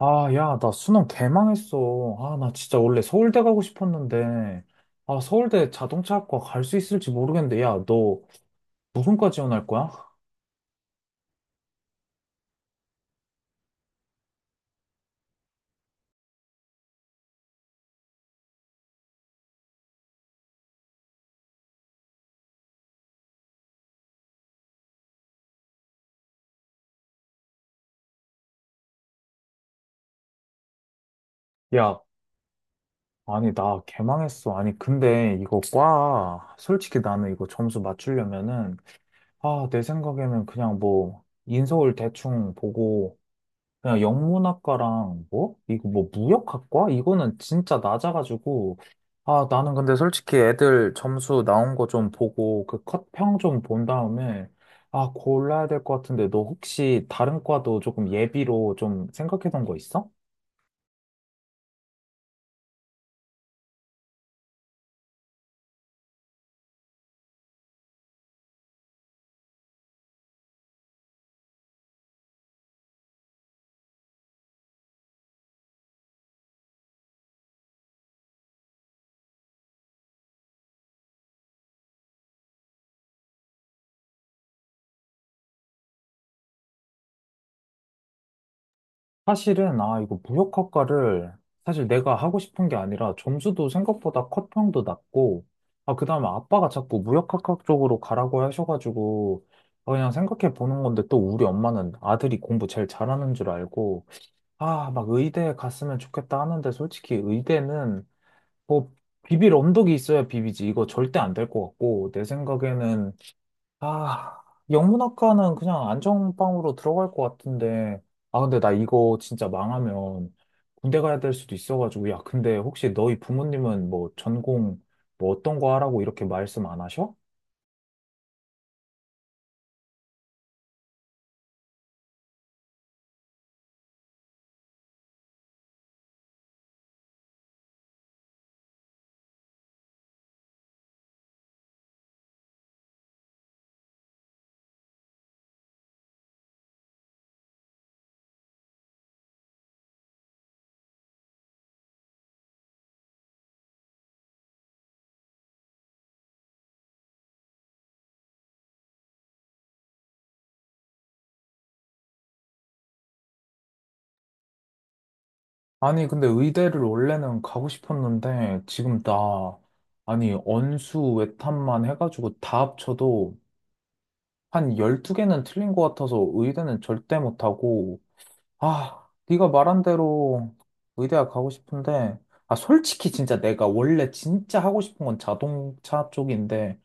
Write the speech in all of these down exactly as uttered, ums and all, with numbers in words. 아, 야, 나 수능 개망했어. 아, 나 진짜 원래 서울대 가고 싶었는데, 아, 서울대 자동차학과 갈 수 있을지 모르겠는데, 야, 너 무슨과 지원할 거야? 야, 아니, 나 개망했어. 아니, 근데 이거 과, 솔직히 나는 이거 점수 맞추려면은, 아, 내 생각에는 그냥 뭐, 인서울 대충 보고, 그냥 영문학과랑 뭐? 이거 뭐 무역학과? 이거는 진짜 낮아가지고 아 나는 근데 솔직히 애들 점수 나온 거 좀 보고 그 컷평 좀 본 다음에 아 골라야 될 것 같은데 너 혹시 다른 과도 조금 예비로 좀 생각해 놓은 거 있어? 사실은, 아, 이거 무역학과를 사실 내가 하고 싶은 게 아니라 점수도 생각보다 컷평도 낮고, 아, 그 다음에 아빠가 자꾸 무역학과 쪽으로 가라고 하셔가지고, 아, 그냥 생각해 보는 건데 또 우리 엄마는 아들이 공부 제일 잘하는 줄 알고, 아, 막 의대에 갔으면 좋겠다 하는데 솔직히 의대는 뭐 비빌 언덕이 있어야 비비지. 이거 절대 안 될 것 같고, 내 생각에는 아, 영문학과는 그냥 안전빵으로 들어갈 것 같은데. 아, 근데 나 이거 진짜 망하면 군대 가야 될 수도 있어가지고. 야, 근데 혹시 너희 부모님은 뭐 전공 뭐 어떤 거 하라고 이렇게 말씀 안 하셔? 아니, 근데 의대를 원래는 가고 싶었는데 지금 나, 아니, 언수, 외탐만 해가지고 다 합쳐도 한 열두 개는 틀린 것 같아서 의대는 절대 못하고 아, 네가 말한 대로 의대학 가고 싶은데, 아, 솔직히 진짜 내가 원래 진짜 하고 싶은 건 자동차 쪽인데,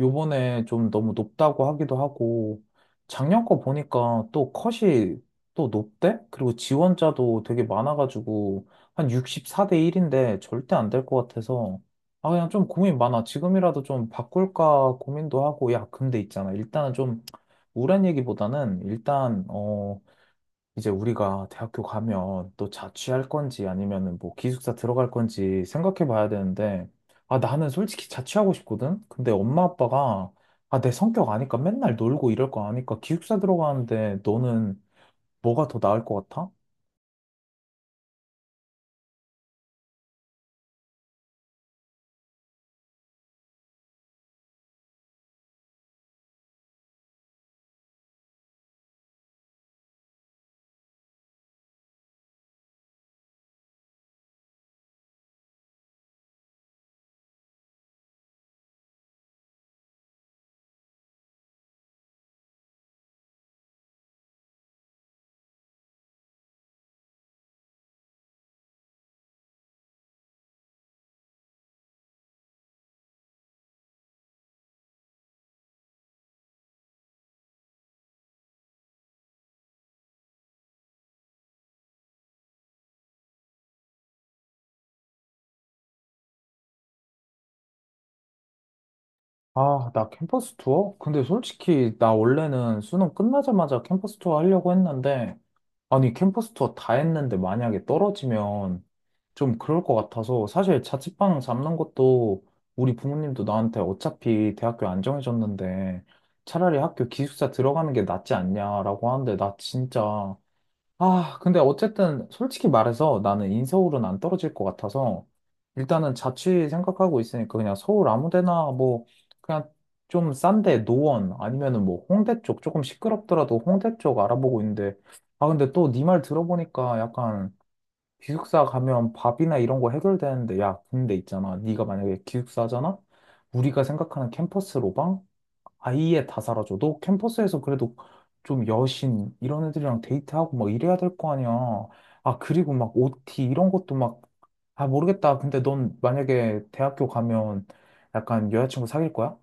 요번에 좀 너무 높다고 하기도 하고, 작년 거 보니까 또 컷이 또 높대? 그리고 지원자도 되게 많아가지고, 한 육십사 대 일인데 절대 안 될 것 같아서, 아, 그냥 좀 고민 많아. 지금이라도 좀 바꿀까 고민도 하고, 야, 근데 있잖아. 일단은 좀 우울한 얘기보다는 일단, 어, 이제 우리가 대학교 가면 또 자취할 건지 아니면은 뭐 기숙사 들어갈 건지 생각해 봐야 되는데, 아, 나는 솔직히 자취하고 싶거든? 근데 엄마 아빠가, 아, 내 성격 아니까 맨날 놀고 이럴 거 아니까 기숙사 들어가는데 너는 뭐가 더 나을 것 같아? 아, 나 캠퍼스 투어? 근데 솔직히 나 원래는 수능 끝나자마자 캠퍼스 투어 하려고 했는데, 아니, 캠퍼스 투어 다 했는데 만약에 떨어지면 좀 그럴 것 같아서, 사실 자취방 잡는 것도 우리 부모님도 나한테 어차피 대학교 안 정해졌는데, 차라리 학교 기숙사 들어가는 게 낫지 않냐라고 하는데, 나 진짜 아, 근데 어쨌든 솔직히 말해서 나는 인서울은 안 떨어질 것 같아서 일단은 자취 생각하고 있으니까 그냥 서울 아무 데나 뭐 그냥 좀 싼데 노원 아니면은 뭐 홍대 쪽 조금 시끄럽더라도 홍대 쪽 알아보고 있는데 아, 근데 또 네 말 들어보니까 약간 기숙사 가면 밥이나 이런 거 해결되는데 야, 근데 있잖아. 네가 만약에 기숙사잖아? 우리가 생각하는 캠퍼스 로방? 아예 다 사라져도 캠퍼스에서 그래도 좀 여신 이런 애들이랑 데이트하고 막 이래야 될 거 아니야. 아, 그리고 막 오티 이런 것도 막, 아, 모르겠다. 근데 넌 만약에 대학교 가면 약간 여자친구 사귈 거야?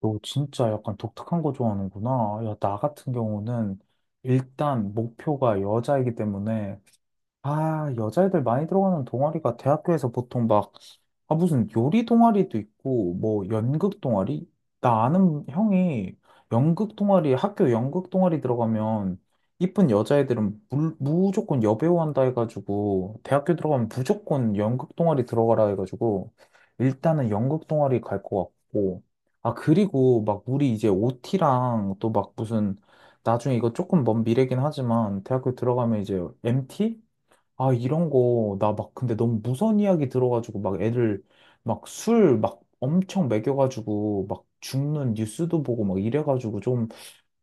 너 진짜 약간 독특한 거 좋아하는구나. 야, 나 같은 경우는 일단 목표가 여자이기 때문에 아, 여자애들 많이 들어가는 동아리가 대학교에서 보통 막, 아, 무슨 요리 동아리도 있고, 뭐, 연극 동아리? 나 아는 형이 연극 동아리, 학교 연극 동아리 들어가면, 이쁜 여자애들은 물, 무조건 여배우 한다 해가지고, 대학교 들어가면 무조건 연극 동아리 들어가라 해가지고, 일단은 연극 동아리 갈 것 같고, 아, 그리고 막 우리 이제 오티랑 또 막 무슨, 나중에 이거 조금 먼 미래긴 하지만, 대학교 들어가면 이제 엠티? 아, 이런 거, 나 막, 근데 너무 무서운 이야기 들어가지고, 막 애들, 막 술, 막 엄청 먹여가지고, 막 죽는 뉴스도 보고, 막 이래가지고 좀,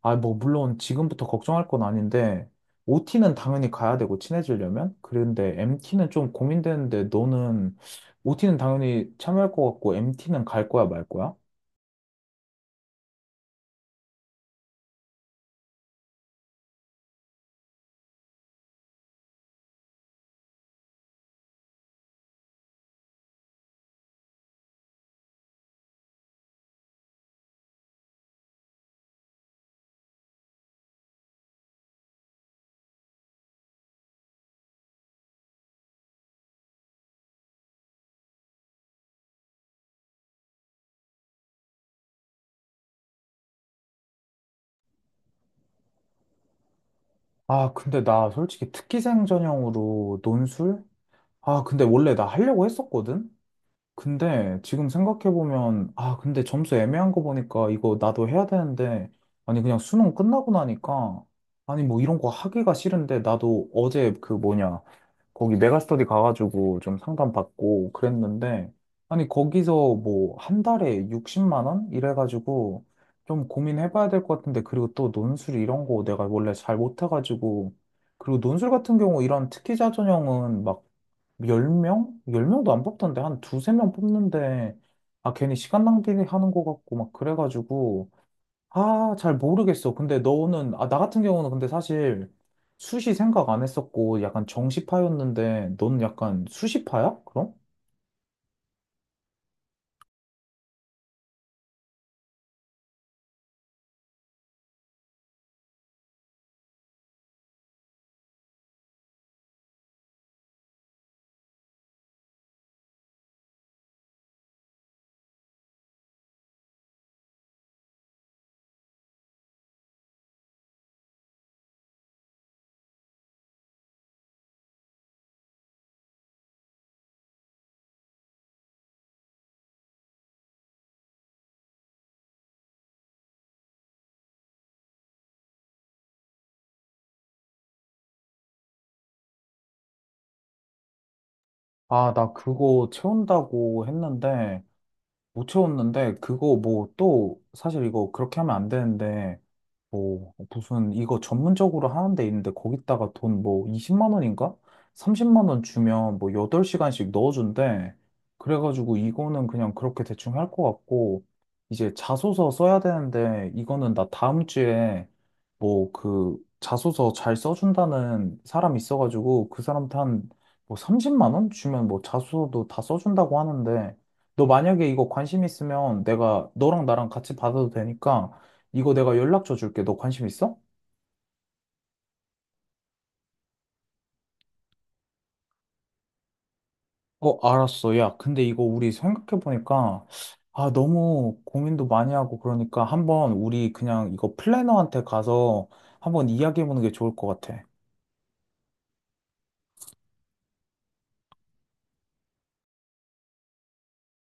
아, 뭐, 물론 지금부터 걱정할 건 아닌데, 오티는 당연히 가야 되고, 친해지려면? 그런데 엠티는 좀 고민되는데, 너는, 오티는 당연히 참여할 것 같고, 엠티는 갈 거야, 말 거야? 아, 근데 나 솔직히 특기생 전형으로 논술? 아, 근데 원래 나 하려고 했었거든? 근데 지금 생각해보면, 아, 근데 점수 애매한 거 보니까 이거 나도 해야 되는데, 아니, 그냥 수능 끝나고 나니까, 아니, 뭐 이런 거 하기가 싫은데, 나도 어제 그 뭐냐, 거기 메가스터디 가가지고 좀 상담받고 그랬는데, 아니, 거기서 뭐 한 달에 육십만 원? 이래가지고 좀 고민해봐야 될 것 같은데, 그리고 또 논술 이런 거 내가 원래 잘 못해가지고, 그리고 논술 같은 경우 이런 특기자 전형은 막 열명열명도안 뽑던데, 한 두세 명 뽑는데, 아, 괜히 시간 낭비하는 것 같고, 막 그래가지고, 아, 잘 모르겠어. 근데 너는, 아, 나 같은 경우는 근데 사실 수시 생각 안 했었고, 약간 정시파였는데, 넌 약간 수시파야? 그럼? 아, 나 그거 채운다고 했는데, 못 채웠는데 그거 뭐 또 사실 이거 그렇게 하면 안 되는데 뭐 무슨 이거 전문적으로 하는 데 있는데 거기다가 돈 뭐 이십만 원인가? 삼십만 원 주면 뭐 여덟 시간씩 넣어준대. 그래가지고 이거는 그냥 그렇게 대충 할 것 같고 이제 자소서 써야 되는데 이거는 나 다음 주에 뭐 그 자소서 잘 써준다는 사람 있어가지고 그 사람한테 한뭐 삼십만 원 주면 뭐 자소서도 다 써준다고 하는데 너 만약에 이거 관심 있으면 내가 너랑 나랑 같이 받아도 되니까 이거 내가 연락줘 줄게. 너 관심 있어? 어, 알았어. 야, 근데 이거 우리 생각해보니까 아, 너무 고민도 많이 하고 그러니까 한번 우리 그냥 이거 플래너한테 가서 한번 이야기해보는 게 좋을 것 같아.